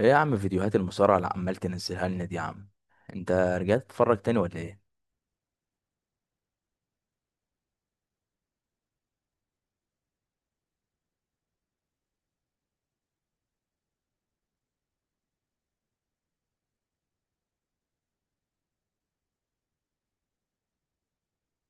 ايه يا عم فيديوهات المصارعة اللي عمال تنزلها لنا دي يا عم، انت رجعت تتفرج تاني ولا ايه؟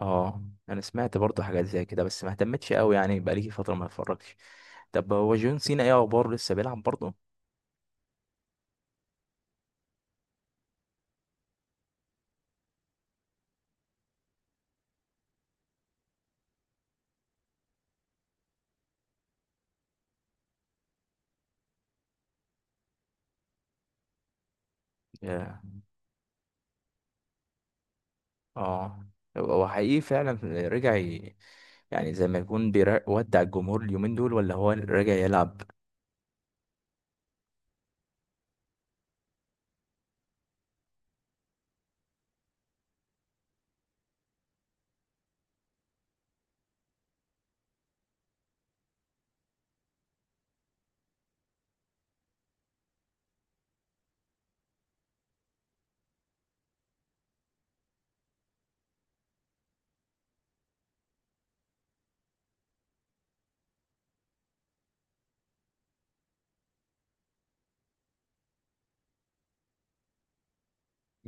اه، انا سمعت برضه حاجات زي كده بس ما اهتمتش قوي يعني، بقالي فترة ما اتفرجتش. طب هو جون سينا ايه اخباره، لسه بيلعب برضه؟ ياه. اه. هو حقيقي فعلا رجع يعني زي ما يكون بيودع الجمهور اليومين دول ولا هو راجع يلعب؟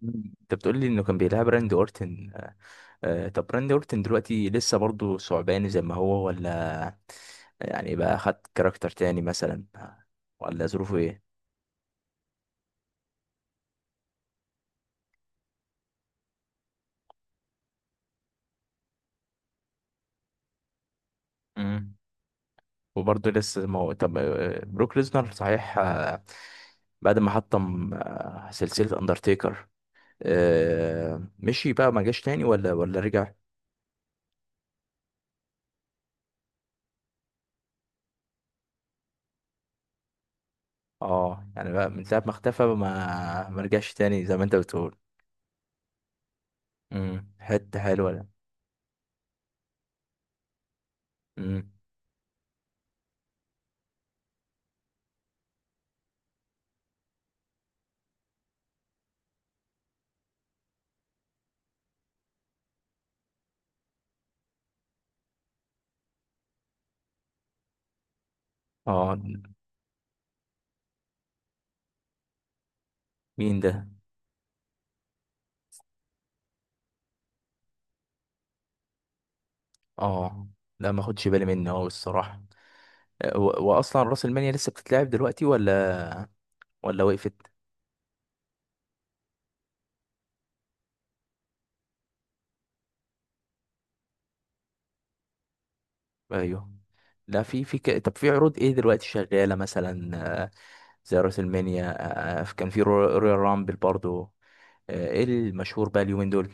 انت بتقول لي انه كان بيلعب راندي اورتن. طب راندي اورتن دلوقتي لسه برضو ثعباني زي ما هو ولا يعني بقى خد كاركتر تاني مثلا، ولا ظروفه ايه؟ مم. وبرضه لسه زي ما هو. طب بروك ليزنر، صحيح، بعد ما حطم سلسلة اندرتيكر، مشي بقى ما جاش تاني ولا رجع؟ اه، يعني بقى من ساعة ما اختفى ما رجعش تاني زي ما انت بتقول. امم، حتة حلوة ده. امم. اه، مين ده؟ اه، لا ما خدش بالي منه هو الصراحة. واصلا راس المال لسه بتتلعب دلوقتي ولا ولا وقفت؟ ايوه. لا، في طب في عروض ايه دلوقتي شغاله مثلا؟ آه، زي راس المانيا، كان في رويال رامبل برضو، ايه المشهور بقى اليومين دول؟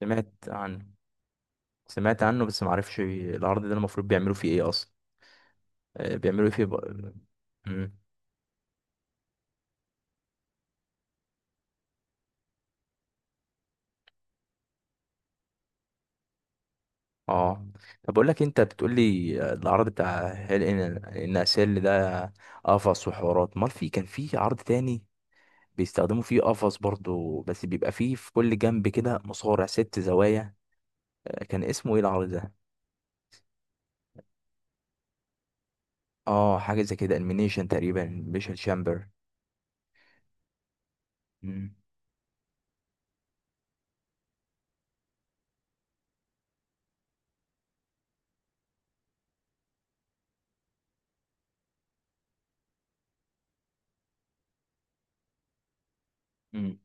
سمعت عن سمعت عنه بس ما اعرفش العرض ده المفروض بيعملوا فيه ايه اصلا. بيعملوا ايه فيه مم. اه، طب بقول لك إيه، انت بتقول لي، العرض بتاع هيل ان ان اسيل ده قفص وحوارات، امال في كان في عرض تاني بيستخدموا فيه قفص برضو بس بيبقى فيه في كل جنب كده مصارع، ست زوايا، كان اسمه ايه العرض ده؟ اه، حاجه زي كده، المينيشن تقريبا، الميشن شامبر. مم. مم.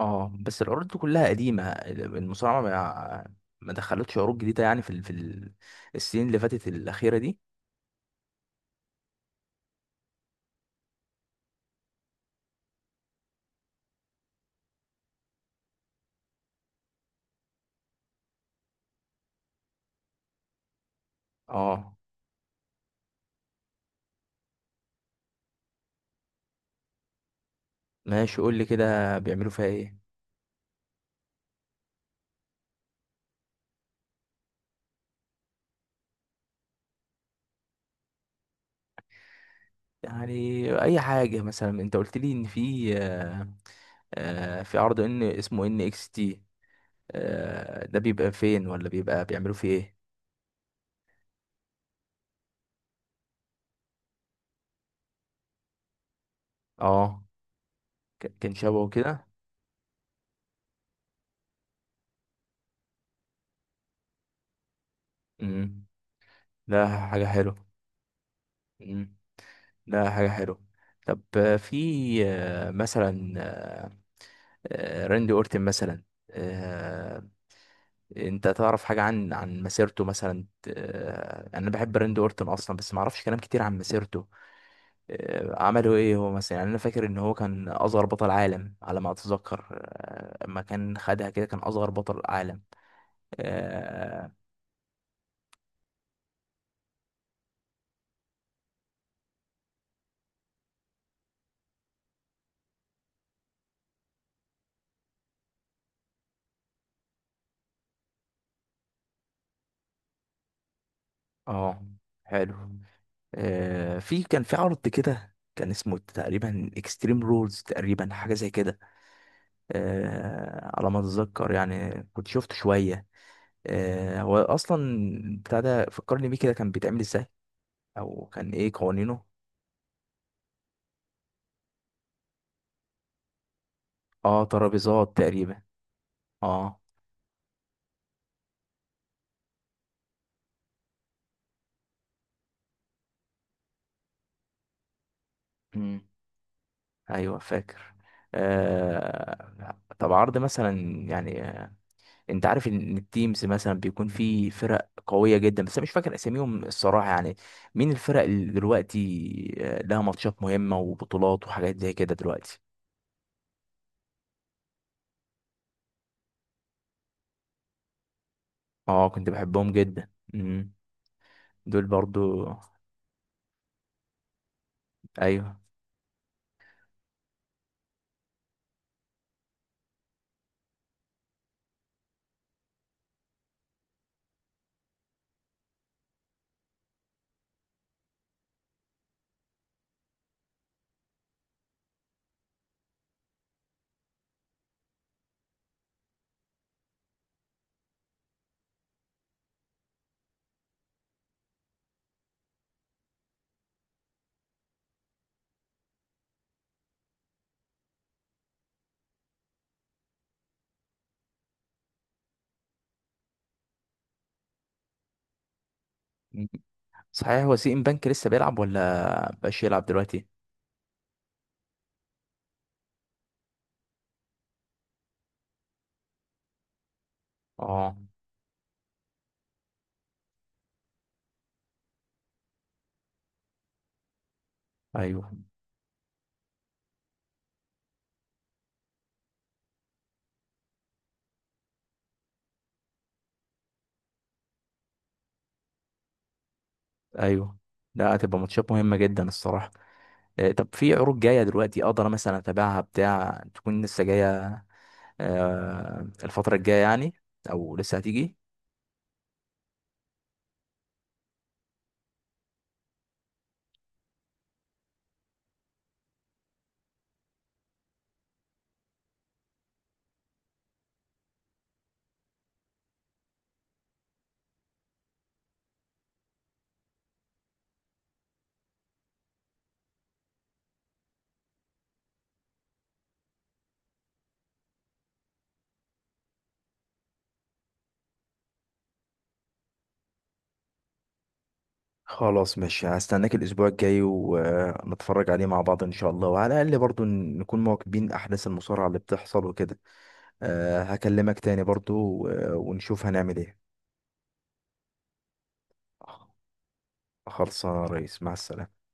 اه بس العروض دي كلها قديمه، المصارعه ما دخلتش عروض جديده يعني في السنين اللي فاتت الاخيره دي. اه ماشي، قول لي كده بيعملوا فيها ايه يعني. اي حاجه مثلا، انت قلت لي ان في في عرض ان اسمه ان اكس تي، ده بيبقى فين ولا بيبقى بيعملوا فيه ايه؟ اه، كان شبهه كده. امم، ده حاجة حلوة. امم، ده حاجة حلوة. طب في مثلا، راندي اورتن مثلا، آه، انت تعرف حاجة عن مسيرته مثلا؟ انا بحب راندي اورتن اصلا بس ما اعرفش كلام كتير عن مسيرته. عمله ايه هو مثلا؟ يعني انا فاكر ان هو كان اصغر بطل عالم على ما اتذكر، اما كان خدها كده كان اصغر بطل عالم. آه، اه، حلو. في كان في عرض كده كان اسمه تقريبا اكستريم رولز تقريبا، حاجه زي كده على ما اتذكر يعني، كنت شفت شويه. هو اصلا بتاع ده فكرني بيه، كده كان بيتعمل ازاي او كان ايه قوانينه؟ اه، ترابيزات تقريبا. اه. امم، ايوه فاكر. طب عرض مثلا، يعني انت عارف ان التيمز مثلا بيكون في فرق قويه جدا بس انا مش فاكر اساميهم الصراحه يعني، مين الفرق اللي دلوقتي لها ماتشات مهمه وبطولات وحاجات زي كده دلوقتي؟ اه، كنت بحبهم جدا. امم، دول برضو. ايوه. مم. صحيح، هو سي ام بنك لسه بيلعب ولا مبقاش يلعب دلوقتي؟ اه. ايوه. ايوه. لا، هتبقى ماتشات مهمه جدا الصراحه. طب في عروض جايه دلوقتي اقدر مثلا اتابعها، بتاع تكون لسه جايه، الفترة الجاية يعني، أو لسه هتيجي؟ خلاص، مش هستناك الاسبوع الجاي ونتفرج عليه مع بعض ان شاء الله، وعلى الاقل برضو نكون مواكبين احداث المصارعة اللي بتحصل وكده. أه، هكلمك تاني برضو ونشوف هنعمل ايه. خلصانه يا ريس، مع السلامة.